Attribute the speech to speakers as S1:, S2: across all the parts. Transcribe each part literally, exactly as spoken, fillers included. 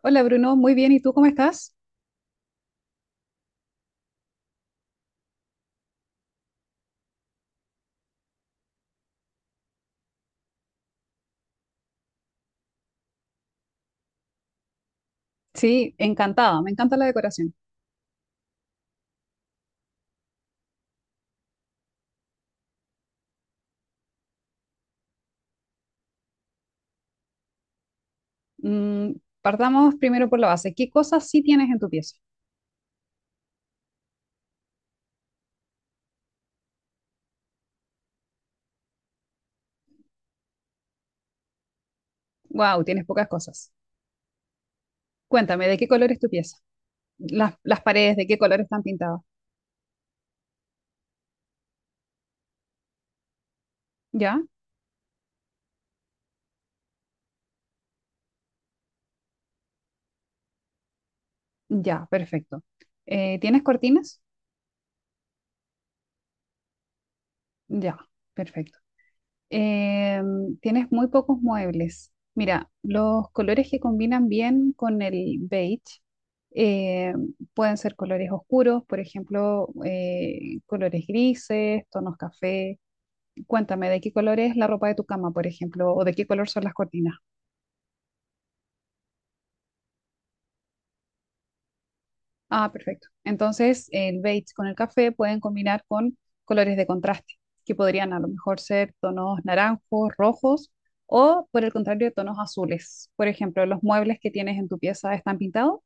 S1: Hola Bruno, muy bien. ¿Y tú cómo estás? Sí, encantada, me encanta la decoración. Mm, partamos primero por la base. ¿Qué cosas sí tienes en tu pieza? Wow, tienes pocas cosas. Cuéntame, ¿de qué color es tu pieza? Las, las paredes, ¿de qué color están pintadas? ¿Ya? Ya, perfecto. Eh, ¿tienes cortinas? Ya, perfecto. Eh, tienes muy pocos muebles. Mira, los colores que combinan bien con el beige eh, pueden ser colores oscuros, por ejemplo, eh, colores grises, tonos café. Cuéntame, ¿de qué color es la ropa de tu cama, por ejemplo, o de qué color son las cortinas? Ah, perfecto. Entonces, el beige con el café pueden combinar con colores de contraste, que podrían a lo mejor ser tonos naranjos, rojos o, por el contrario, tonos azules. Por ejemplo, los muebles que tienes en tu pieza están pintados.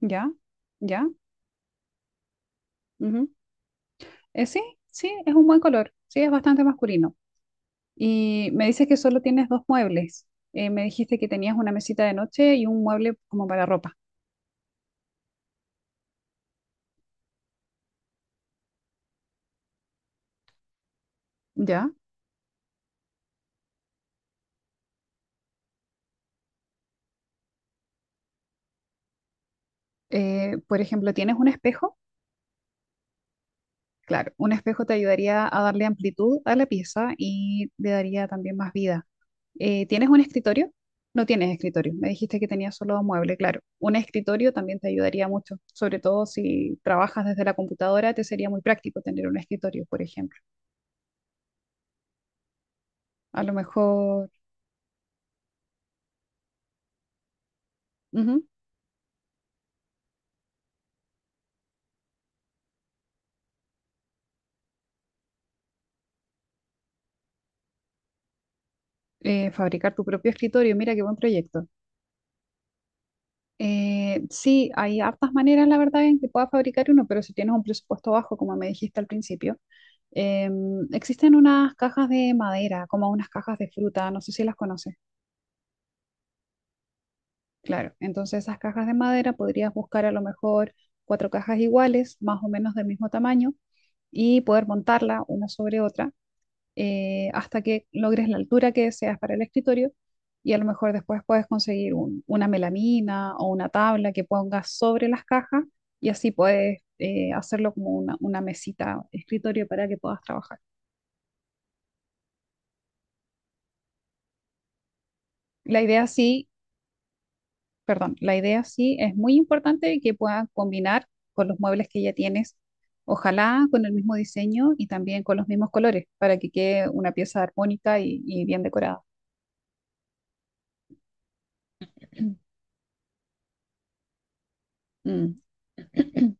S1: Ya, ya. Ujú. Eh, sí, sí, es un buen color. Sí, es bastante masculino. Y me dices que solo tienes dos muebles. Eh, me dijiste que tenías una mesita de noche y un mueble como para ropa. Ya. Eh, por ejemplo, ¿tienes un espejo? Claro, un espejo te ayudaría a darle amplitud a la pieza y le daría también más vida. Eh, ¿tienes un escritorio? No tienes escritorio. Me dijiste que tenías solo dos muebles, claro. Un escritorio también te ayudaría mucho, sobre todo si trabajas desde la computadora, te sería muy práctico tener un escritorio, por ejemplo. A lo mejor ujú, eh, fabricar tu propio escritorio, mira qué buen proyecto. Eh, sí, hay hartas maneras, la verdad, en que puedas fabricar uno, pero si tienes un presupuesto bajo, como me dijiste al principio. Em, existen unas cajas de madera, como unas cajas de fruta, no sé si las conoces. Claro, entonces esas cajas de madera podrías buscar a lo mejor cuatro cajas iguales, más o menos del mismo tamaño, y poder montarla una sobre otra eh, hasta que logres la altura que deseas para el escritorio. Y a lo mejor después puedes conseguir un- una melamina o una tabla que pongas sobre las cajas y así puedes eh, hacerlo como una, una mesita, escritorio para que puedas trabajar. La idea sí perdón, la idea sí es muy importante que puedan combinar con los muebles que ya tienes, ojalá con el mismo diseño y también con los mismos colores, para que quede una pieza armónica y, y bien decorada. Mm.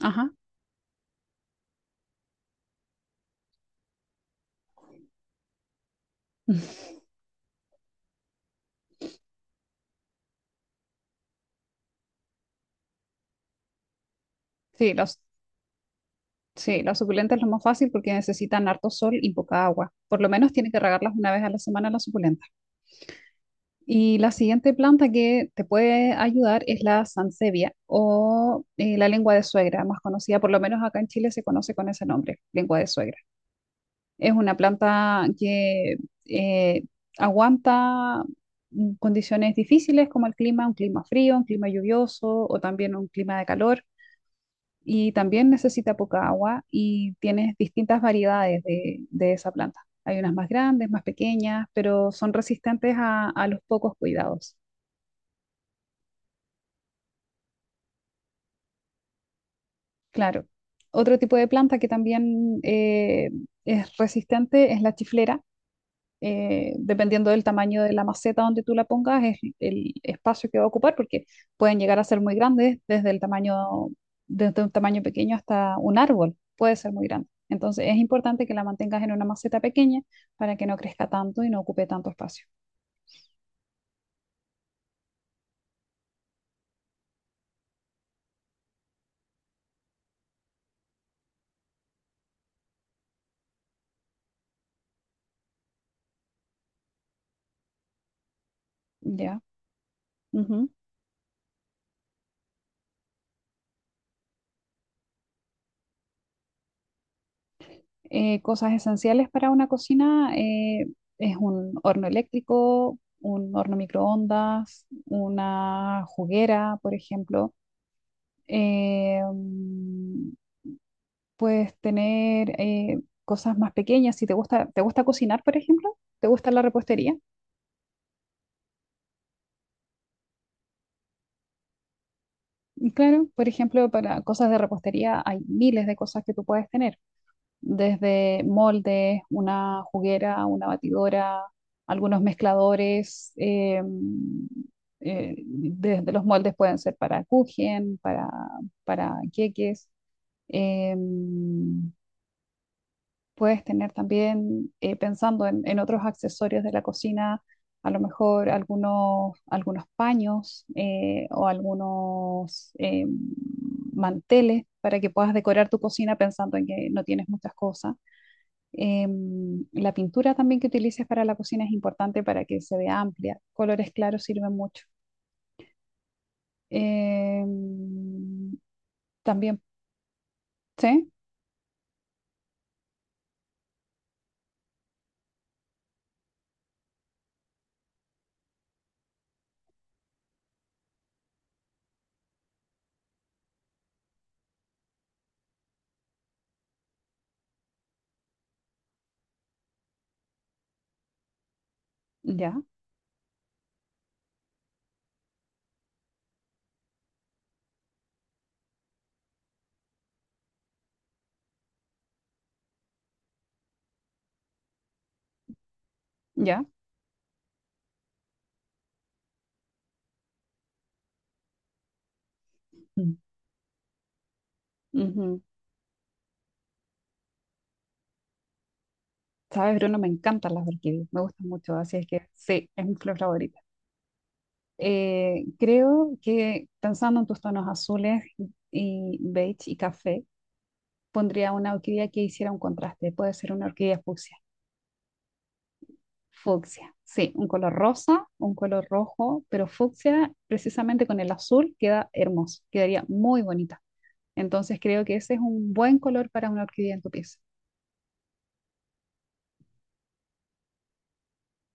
S1: Ajá. Sí, los, sí, las suculentas es lo más fácil porque necesitan harto sol y poca agua. Por lo menos tiene que regarlas una vez a la semana las suculentas. Y la siguiente planta que te puede ayudar es la sansevia o eh, la lengua de suegra, más conocida por lo menos acá en Chile se conoce con ese nombre, lengua de suegra. Es una planta que eh, aguanta mm, condiciones difíciles como el clima, un clima frío, un clima lluvioso o también un clima de calor. Y también necesita poca agua y tienes distintas variedades de, de esa planta. Hay unas más grandes, más pequeñas, pero son resistentes a a los pocos cuidados. Claro. Otro tipo de planta que también eh, es resistente es la chiflera. Eh, dependiendo del tamaño de la maceta donde tú la pongas, es el espacio que va a ocupar, porque pueden llegar a ser muy grandes, desde el tamaño, desde un tamaño pequeño hasta un árbol, puede ser muy grande. Entonces es importante que la mantengas en una maceta pequeña para que no crezca tanto y no ocupe tanto espacio. Ya. eh, cosas esenciales para una cocina eh, es un horno eléctrico, un horno microondas, una juguera, por ejemplo. Eh, mm, puedes tener eh, cosas más pequeñas. Si te gusta, ¿te gusta cocinar, por ejemplo? ¿Te gusta la repostería? Claro, por ejemplo, para cosas de repostería hay miles de cosas que tú puedes tener. Desde moldes, una juguera, una batidora, algunos mezcladores. eh, eh, desde los moldes pueden ser para kuchen, para, para queques. eh, puedes tener también, eh, pensando en, en otros accesorios de la cocina, a lo mejor algunos, algunos paños eh, o algunos eh, manteles para que puedas decorar tu cocina pensando en que no tienes muchas cosas. Em, la pintura también que utilices para la cocina es importante para que se vea amplia. Colores claros sirven mucho. Em, también, sí, ya, ya. Mm, ujú. Sabes, Bruno, me encantan las orquídeas, me gustan mucho, así es que sí, es mi flor favorita. Eh, creo que pensando en tus tonos azules y beige y café, pondría una orquídea que hiciera un contraste. Puede ser una orquídea fucsia. Fucsia, sí, un color rosa, un color rojo, pero fucsia precisamente con el azul queda hermoso, quedaría muy bonita. Entonces creo que ese es un buen color para una orquídea en tu pieza.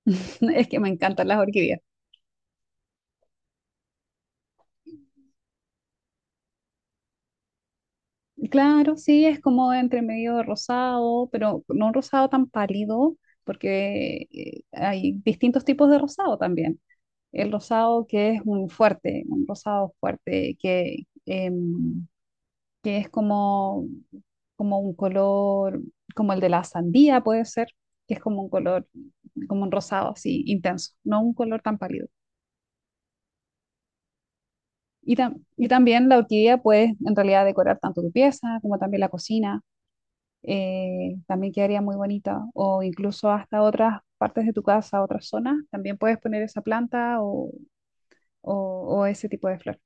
S1: Es que me encantan las orquídeas. Claro, sí, es como entre medio rosado, pero no un rosado tan pálido, porque eh, hay distintos tipos de rosado también. El rosado que es un fuerte, un rosado fuerte, que, em, que es como como un color, como el de la sandía puede ser, que es como un color, como un rosado así intenso, no un color tan pálido. Y, tam- y también la orquídea puedes en realidad decorar tanto tu pieza como también la cocina, eh, también quedaría muy bonita, o incluso hasta otras partes de tu casa, otras zonas, también puedes poner esa planta o, o, o ese tipo de flor.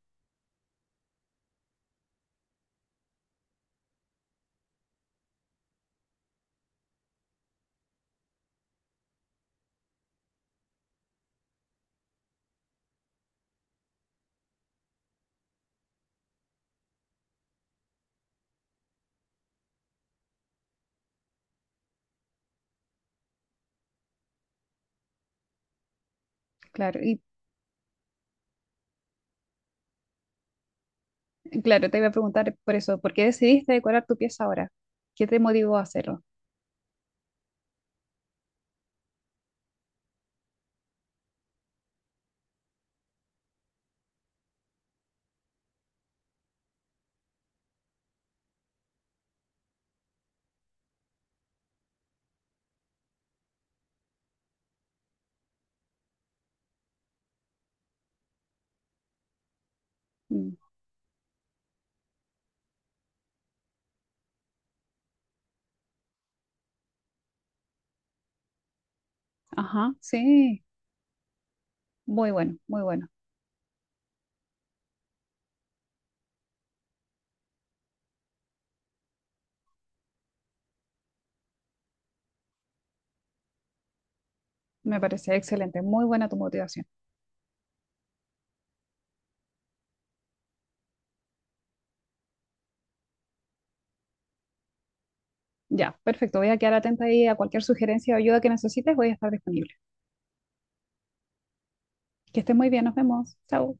S1: Claro, y claro, te iba a preguntar por eso, ¿por qué decidiste decorar tu pieza ahora? ¿Qué te motivó a hacerlo? Mm, ajá, sí. Muy bueno, muy bueno. Me parece excelente. Muy buena tu motivación. Ya, perfecto. Voy a quedar atenta ahí a cualquier sugerencia o ayuda que necesites. Voy a estar disponible. Que estés muy bien. Nos vemos. Chao.